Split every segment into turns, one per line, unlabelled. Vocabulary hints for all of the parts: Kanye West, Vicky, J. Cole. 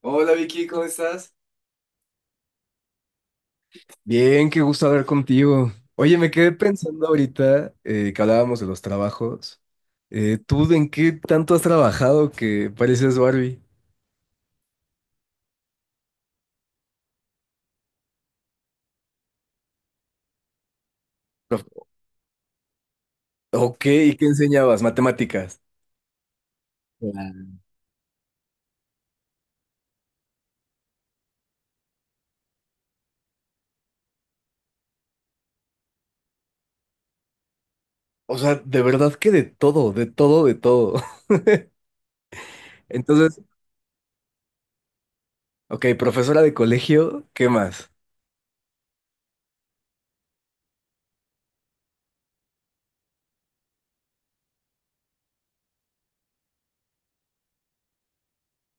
Hola Vicky, ¿cómo estás? Bien, qué gusto hablar contigo. Oye, me quedé pensando ahorita que hablábamos de los trabajos. ¿Tú en qué tanto has trabajado que pareces Barbie? Prof- Ok, ¿y qué enseñabas? Matemáticas. Claro. O sea, de verdad que de todo, de todo, de todo. Entonces, ok, profesora de colegio, ¿qué más?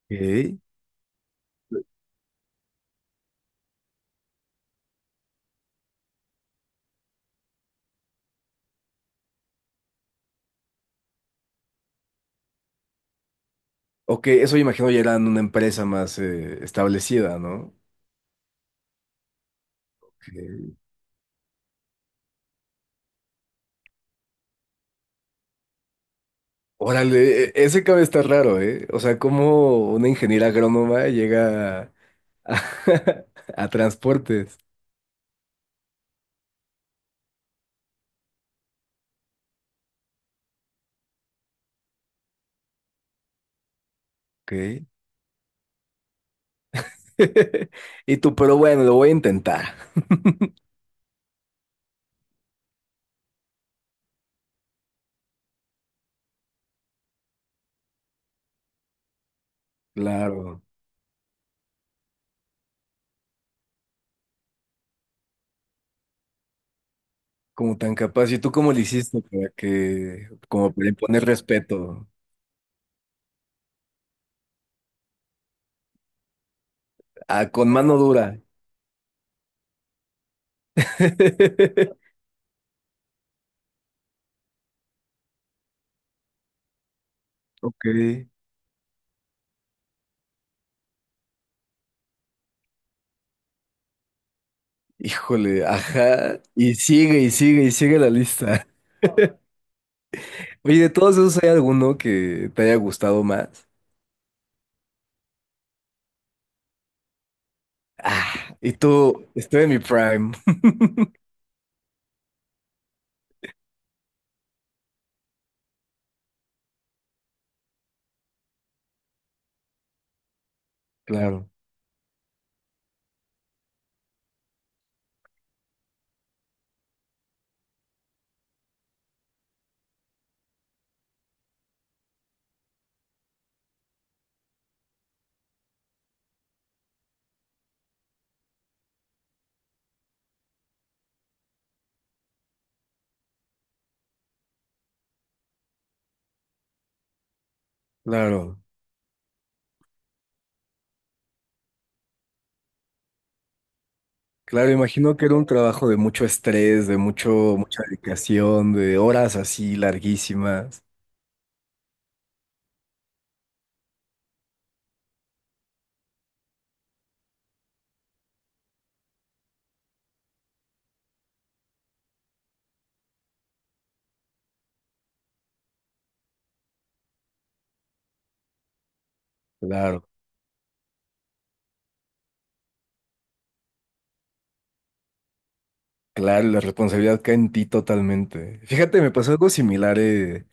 Ok, ok, eso imagino ya era en una empresa más establecida, ¿no? Ok. Órale, ese cabe está raro, ¿eh? O sea, como una ingeniera agrónoma llega a, a transportes. Ok. Y tú, pero bueno, lo voy a intentar. Claro, como tan capaz. ¿Y tú cómo le hiciste para que, como para imponer respeto? Ah, con mano dura. Ok. Híjole, ajá. Y sigue, y sigue, y sigue la lista. Oye, de todos esos, ¿hay alguno que te haya gustado más? Ah, y tú, estoy en mi prime. Claro, claro, claro. Imagino que era un trabajo de mucho estrés, de mucho, mucha dedicación, de horas así larguísimas. Claro, claro, la responsabilidad cae en ti totalmente. Fíjate, me pasó algo similar.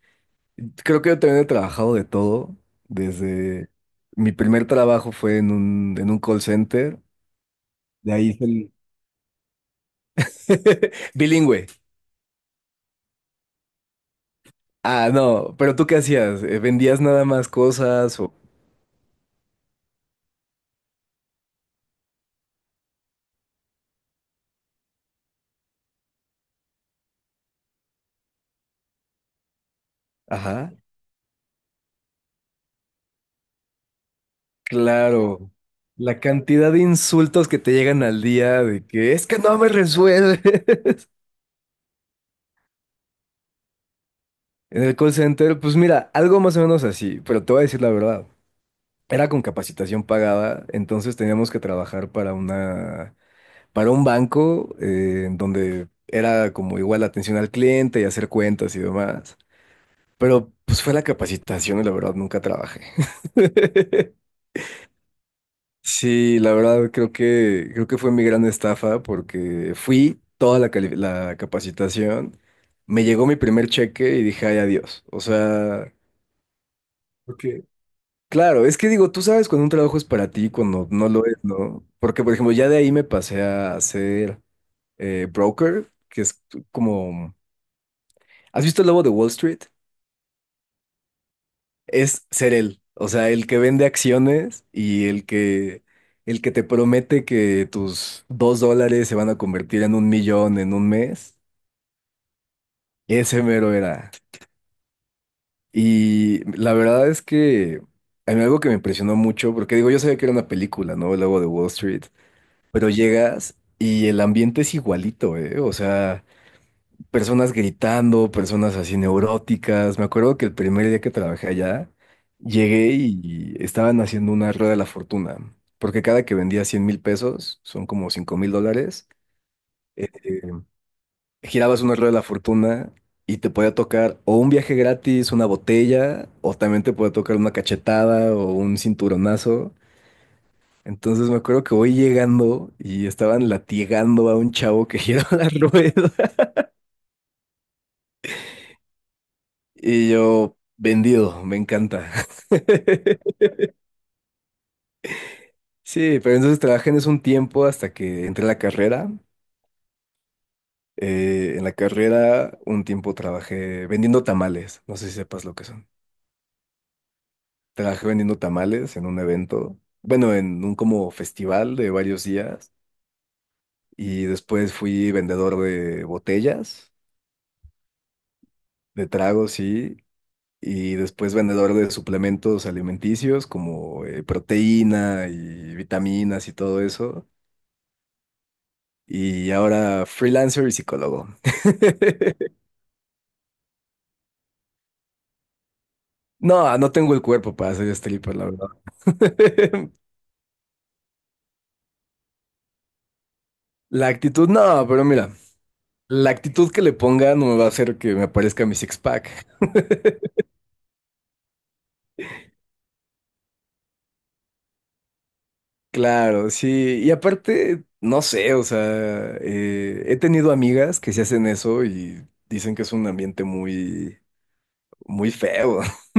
Creo que yo también he trabajado de todo. Desde mi primer trabajo fue en un call center. De ahí hice el- bilingüe. Ah, no, pero ¿tú qué hacías? ¿Vendías nada más cosas o...? Ajá. Claro, la cantidad de insultos que te llegan al día de que es que no me resuelve. En el call center, pues mira, algo más o menos así, pero te voy a decir la verdad. Era con capacitación pagada, entonces teníamos que trabajar para una, para un banco en donde era como igual atención al cliente y hacer cuentas y demás. Pero pues fue la capacitación y la verdad nunca trabajé. Sí, la verdad creo que fue mi gran estafa porque fui toda la capacitación, me llegó mi primer cheque y dije, ay, adiós. O sea, porque claro, es que digo, tú sabes cuando un trabajo es para ti, y cuando no lo es, ¿no? Porque, por ejemplo, ya de ahí me pasé a ser broker, que es como ¿has visto El lobo de Wall Street? Es ser él. O sea, el que vende acciones y el que te promete que tus $2 se van a convertir en un millón en un mes. Ese mero era. Y la verdad es que a mí algo que me impresionó mucho, porque digo, yo sabía que era una película, ¿no? El lobo de Wall Street, pero llegas y el ambiente es igualito, ¿eh? O sea, personas gritando, personas así neuróticas. Me acuerdo que el primer día que trabajé allá, llegué y estaban haciendo una rueda de la fortuna, porque cada que vendía 100,000 pesos, son como $5,000, eh, eh, girabas una rueda de la fortuna y te podía tocar o un viaje gratis, una botella, o también te podía tocar una cachetada o un cinturonazo. Entonces me acuerdo que voy llegando y estaban latigando a un chavo que giraba la rueda. Y yo, vendido, me encanta. Sí, pero entonces trabajé en eso un tiempo hasta que entré a la carrera. En la carrera un tiempo trabajé vendiendo tamales, no sé si sepas lo que son. Trabajé vendiendo tamales en un evento, bueno, en un como festival de varios días y después fui vendedor de botellas, de tragos, sí, y después vendedor de suplementos alimenticios como proteína y vitaminas y todo eso. Y ahora freelancer y psicólogo. No, no tengo el cuerpo para ser stripper, la verdad. La actitud, no, pero mira, la actitud que le ponga no me va a hacer que me parezca mi six-pack. Claro, sí. Y aparte, no sé, o sea, he tenido amigas que se hacen eso y dicen que es un ambiente muy, muy feo.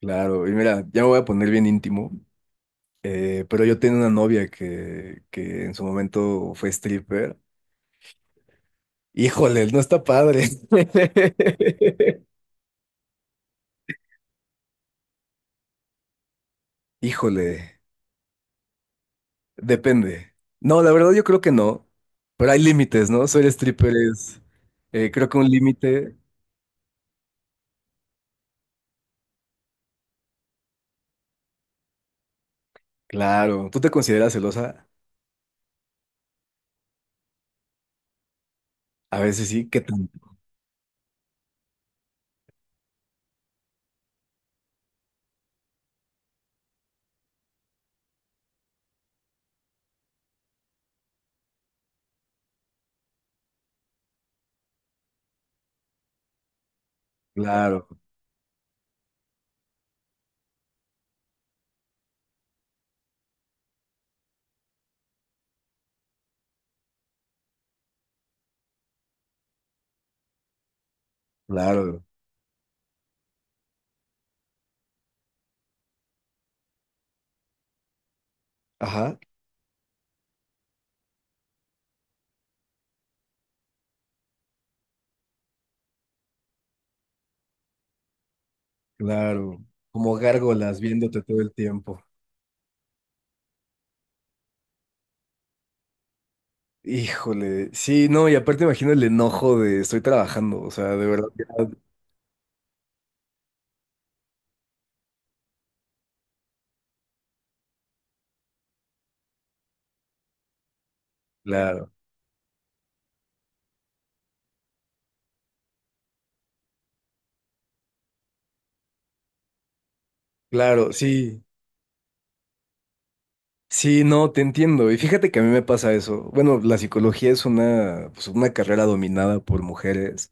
Claro, y mira, ya me voy a poner bien íntimo, pero yo tenía una novia que en su momento fue stripper. Híjole, no está padre. Híjole, depende. No, la verdad yo creo que no, pero hay límites, ¿no? Soy stripper es, creo que un límite, claro. ¿Tú te consideras celosa? A veces sí, ¿qué tan? Claro, claro. Ajá, claro. Como gárgolas viéndote todo el tiempo. Híjole, sí, no, y aparte imagino el enojo de estoy trabajando, o sea, de verdad, ya, claro, claro, sí. Sí, no, te entiendo. Y fíjate que a mí me pasa eso. Bueno, la psicología es pues una carrera dominada por mujeres.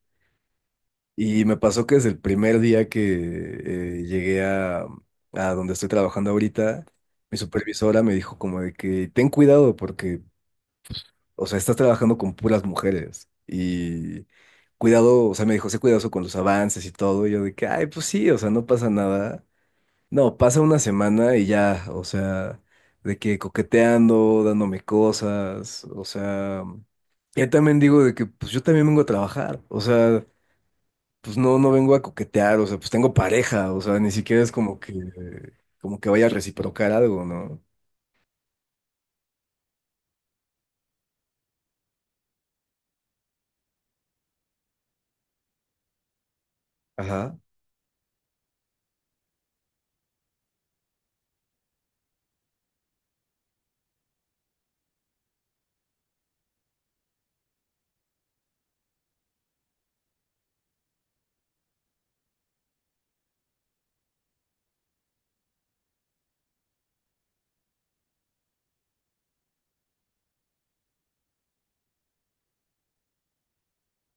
Y me pasó que desde el primer día que llegué a donde estoy trabajando ahorita, mi supervisora me dijo como de que ten cuidado porque, o sea, estás trabajando con puras mujeres. Y cuidado, o sea, me dijo, sé cuidadoso con los avances y todo. Y yo de que, ay, pues sí, o sea, no pasa nada. No, pasa una semana y ya, o sea, de que coqueteando, dándome cosas, o sea, ya también digo de que pues yo también vengo a trabajar, o sea, pues no, no vengo a coquetear, o sea, pues tengo pareja, o sea, ni siquiera es como que vaya a reciprocar algo, ¿no? Ajá,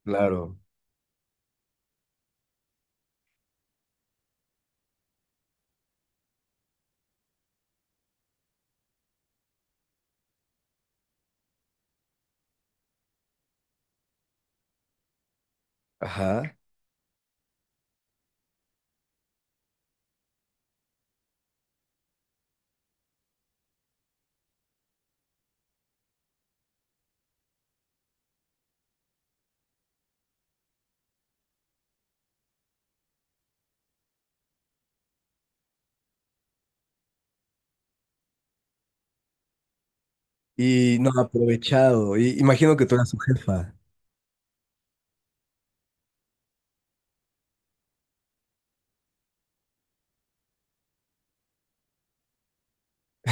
claro, ajá. Y no, aprovechado, y imagino que tú eras su jefa.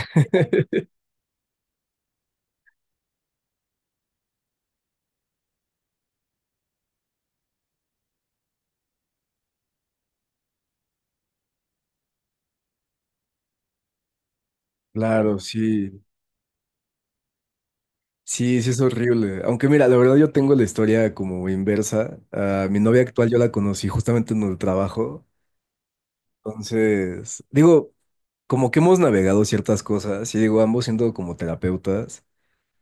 Claro, sí. Sí, sí es horrible. Aunque mira, la verdad yo tengo la historia como inversa. A mi novia actual yo la conocí justamente en el trabajo. Entonces, digo, como que hemos navegado ciertas cosas y digo, ambos siendo como terapeutas,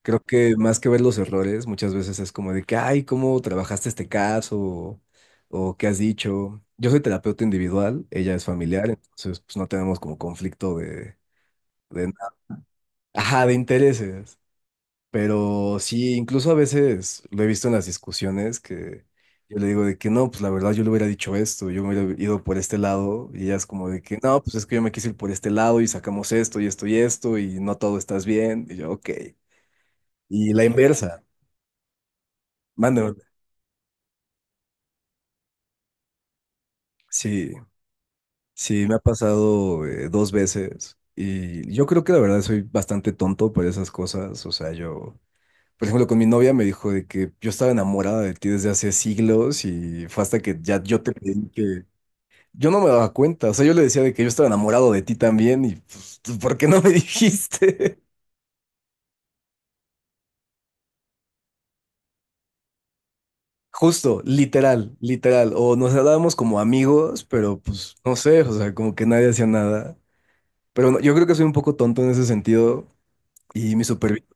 creo que más que ver los errores, muchas veces es como de que, ay, ¿cómo trabajaste este caso? O ¿qué has dicho? Yo soy terapeuta individual, ella es familiar, entonces pues no tenemos como conflicto de, ajá, de intereses. Pero sí, incluso a veces lo he visto en las discusiones que yo le digo de que no, pues la verdad yo le hubiera dicho esto, yo me hubiera ido por este lado y ella es como de que no, pues es que yo me quise ir por este lado y sacamos esto y esto y esto y no todo estás bien. Y yo, ok. Y la inversa, manda. Sí, sí, me ha pasado dos veces y yo creo que la verdad soy bastante tonto por esas cosas, o sea, yo... Por ejemplo, con mi novia me dijo de que yo estaba enamorada de ti desde hace siglos y fue hasta que ya yo te pedí que... Yo no me daba cuenta, o sea, yo le decía de que yo estaba enamorado de ti también y pues, ¿tú por qué no me dijiste? Justo, literal, literal. O nos hablábamos como amigos, pero pues no sé, o sea, como que nadie hacía nada. Pero no, yo creo que soy un poco tonto en ese sentido y mi supervisor.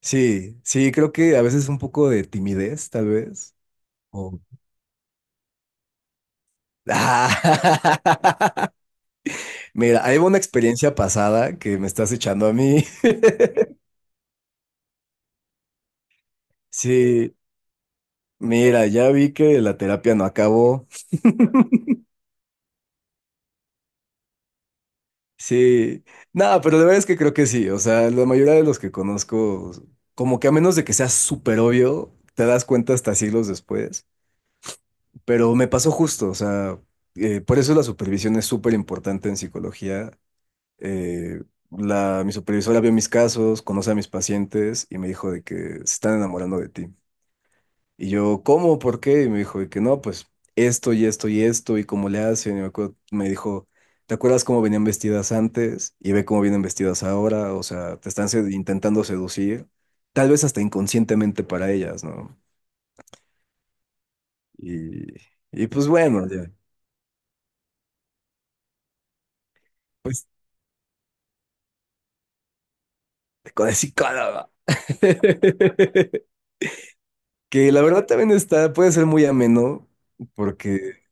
Sí, sí, creo que a veces un poco de timidez, tal vez. O... Mira, hay una experiencia pasada que me estás echando a mí. Sí, mira, ya vi que la terapia no acabó. Sí, nada, pero la verdad es que creo que sí. O sea, la mayoría de los que conozco, como que a menos de que sea súper obvio, te das cuenta hasta siglos después. Pero me pasó justo, o sea, por eso la supervisión es súper importante en psicología. Eh, la, mi supervisora vio mis casos, conoce a mis pacientes y me dijo de que se están enamorando de ti. Y yo, ¿cómo? ¿Por qué? Y me dijo, y que no, pues esto y esto y esto, y cómo le hacen. Y me dijo, ¿te acuerdas cómo venían vestidas antes? Y ve cómo vienen vestidas ahora. O sea, te están intentando seducir, tal vez hasta inconscientemente para ellas, ¿no? Y, y pues bueno, ya, pues con el psicólogo. Que la verdad también está, puede ser muy ameno, porque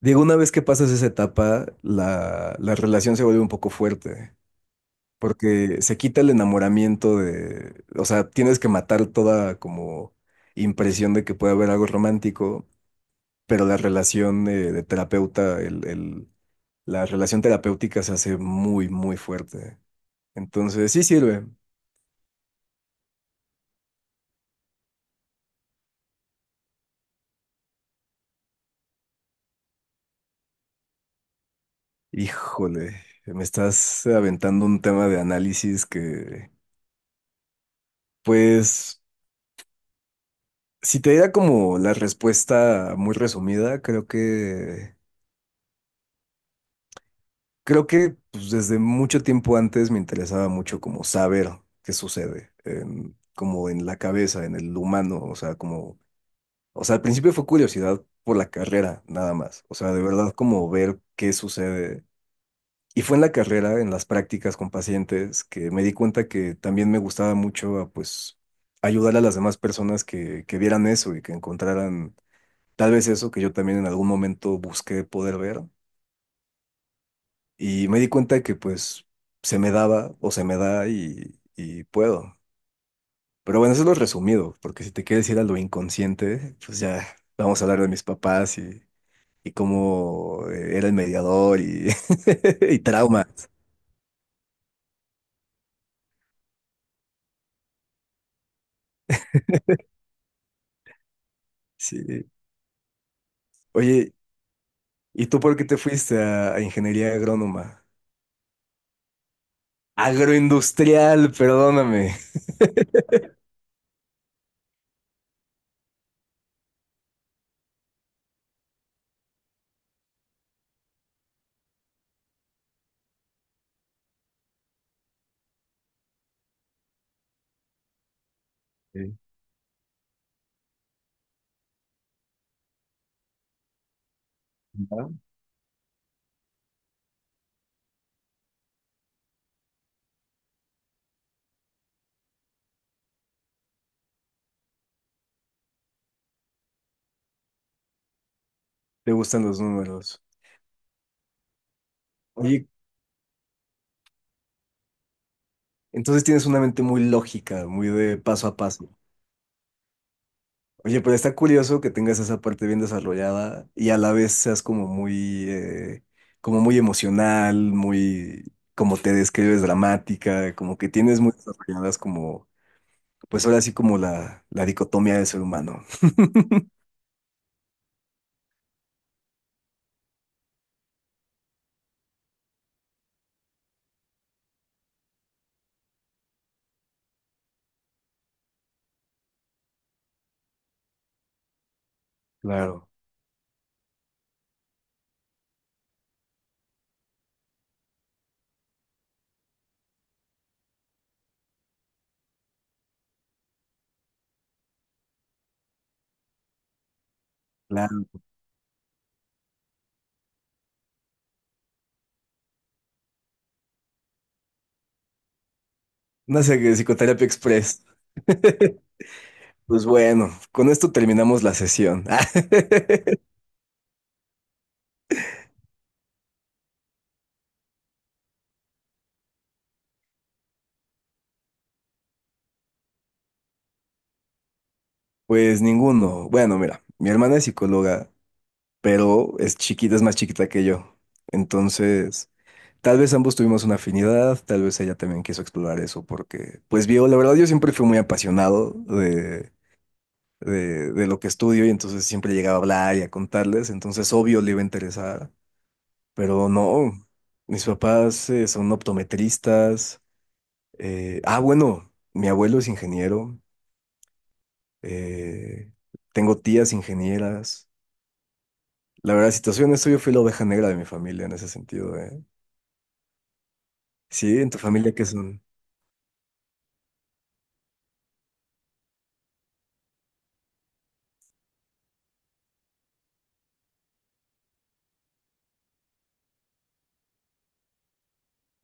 digo, una vez que pasas esa etapa, la relación se vuelve un poco fuerte. Porque se quita el enamoramiento de, o sea, tienes que matar toda como impresión de que puede haber algo romántico, pero la relación de terapeuta, la relación terapéutica se hace muy, muy fuerte. Entonces, sí sirve. Híjole, me estás aventando un tema de análisis que, pues, si te diera como la respuesta muy resumida, creo que pues, desde mucho tiempo antes me interesaba mucho como saber qué sucede, como en la cabeza, en el humano, o sea, como, o sea, al principio fue curiosidad por la carrera, nada más, o sea, de verdad como ver qué sucede. Y fue en la carrera, en las prácticas con pacientes, que me di cuenta que también me gustaba mucho, ah, pues, ayudar a las demás personas que vieran eso y que encontraran tal vez eso que yo también en algún momento busqué poder ver. Y me di cuenta que pues se me da y, puedo. Pero bueno, eso es lo resumido, porque si te quieres ir a lo inconsciente, pues ya vamos a hablar de mis papás y cómo era el mediador y, y traumas. Sí. Oye, ¿y tú por qué te fuiste a ingeniería agrónoma? Agroindustrial, perdóname. Sí. ¿Va? Te gustan los números. Oye, entonces tienes una mente muy lógica, muy de paso a paso. Oye, pero está curioso que tengas esa parte bien desarrollada y a la vez seas como muy emocional, muy, como te describes, dramática, como que tienes muy desarrolladas como, pues ahora sí como la dicotomía del ser humano. Claro, claro. Una sé, psicoterapia express. Pues bueno, con esto terminamos la sesión. Pues ninguno. Bueno, mira, mi hermana es psicóloga, pero es chiquita, es más chiquita que yo. Entonces, tal vez ambos tuvimos una afinidad, tal vez ella también quiso explorar eso porque, pues vio, la verdad yo siempre fui muy apasionado de, de lo que estudio y entonces siempre llegaba a hablar y a contarles, entonces obvio le iba a interesar, pero no, mis papás son optometristas, ah bueno, mi abuelo es ingeniero, eh, tengo tías ingenieras, la verdad, situación es que yo fui la oveja negra de mi familia en ese sentido, ¿eh? Sí, en tu familia qué son...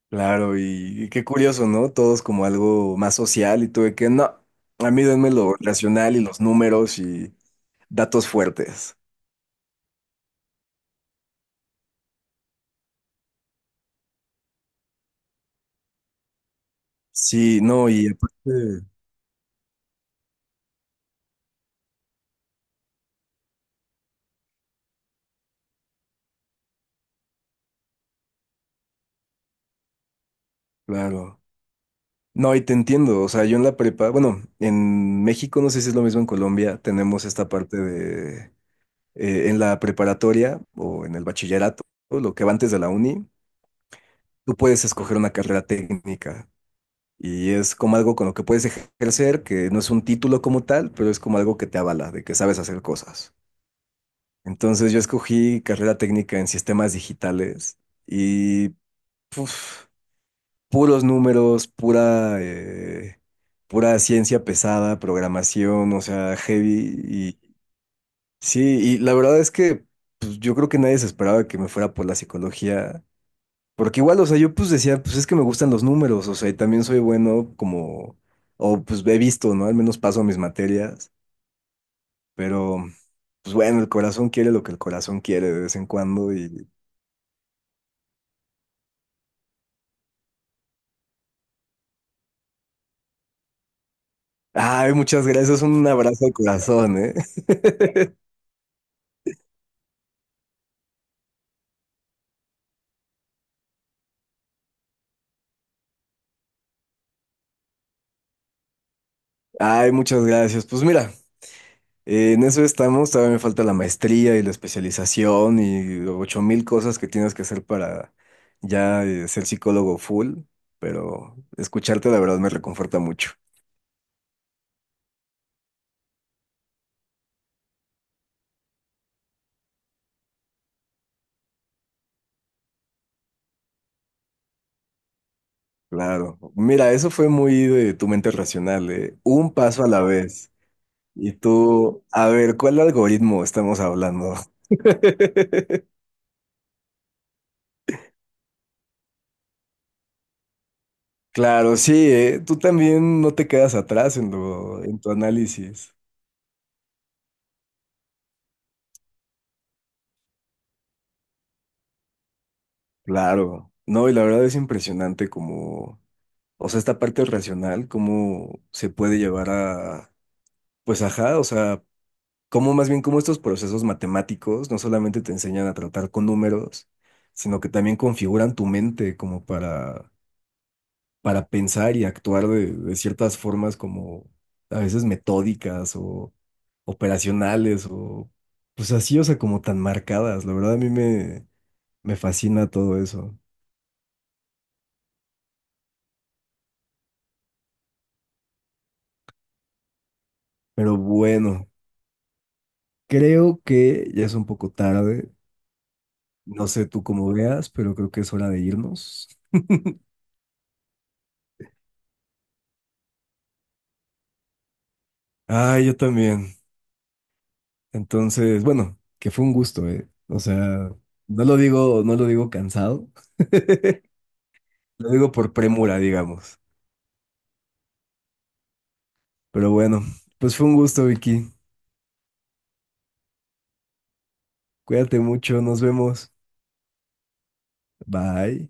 Claro, y, qué curioso, ¿no? Todos como algo más social y tuve que, no, a mí denme lo racional y los números y datos fuertes. Sí, no, y aparte, claro. No, y te entiendo, o sea, yo en la prepa, bueno, en México, no sé si es lo mismo en Colombia, tenemos esta parte de, en la preparatoria o en el bachillerato, lo que va antes de la uni, tú puedes escoger una carrera técnica. Y es como algo con lo que puedes ejercer, que no es un título como tal, pero es como algo que te avala, de que sabes hacer cosas. Entonces yo escogí carrera técnica en sistemas digitales y puf, puros números, pura, pura ciencia pesada, programación, o sea, heavy. Y sí, y la verdad es que pues, yo creo que nadie se esperaba que me fuera por la psicología. Porque igual, o sea, yo pues decía, pues es que me gustan los números, o sea, y también soy bueno como, o pues he visto, ¿no? Al menos paso mis materias, pero pues bueno, el corazón quiere lo que el corazón quiere de vez en cuando y... Ay, muchas gracias, un abrazo de corazón, ¿eh? Ay, muchas gracias. Pues mira, en eso estamos, todavía me falta la maestría y la especialización y 8000 cosas que tienes que hacer para ya ser psicólogo full, pero escucharte la verdad me reconforta mucho. Claro, mira, eso fue muy de tu mente racional, ¿eh? Un paso a la vez. Y tú, a ver, ¿cuál algoritmo estamos hablando? Claro, sí, ¿eh? Tú también no te quedas atrás en lo, en tu análisis. Claro, no, y la verdad es impresionante como, o sea, esta parte racional, cómo se puede llevar a, pues ajá, o sea, cómo más bien cómo estos procesos matemáticos no solamente te enseñan a tratar con números, sino que también configuran tu mente como para pensar y actuar de, ciertas formas como a veces metódicas o operacionales o pues así, o sea, como tan marcadas. La verdad me fascina todo eso. Pero bueno, creo que ya es un poco tarde. No sé tú cómo veas, pero creo que es hora de irnos. Ah, yo también. Entonces, bueno, que fue un gusto, ¿eh? O sea, no lo digo cansado, lo digo por premura, digamos. Pero bueno, pues fue un gusto, Vicky. Cuídate mucho, nos vemos. Bye.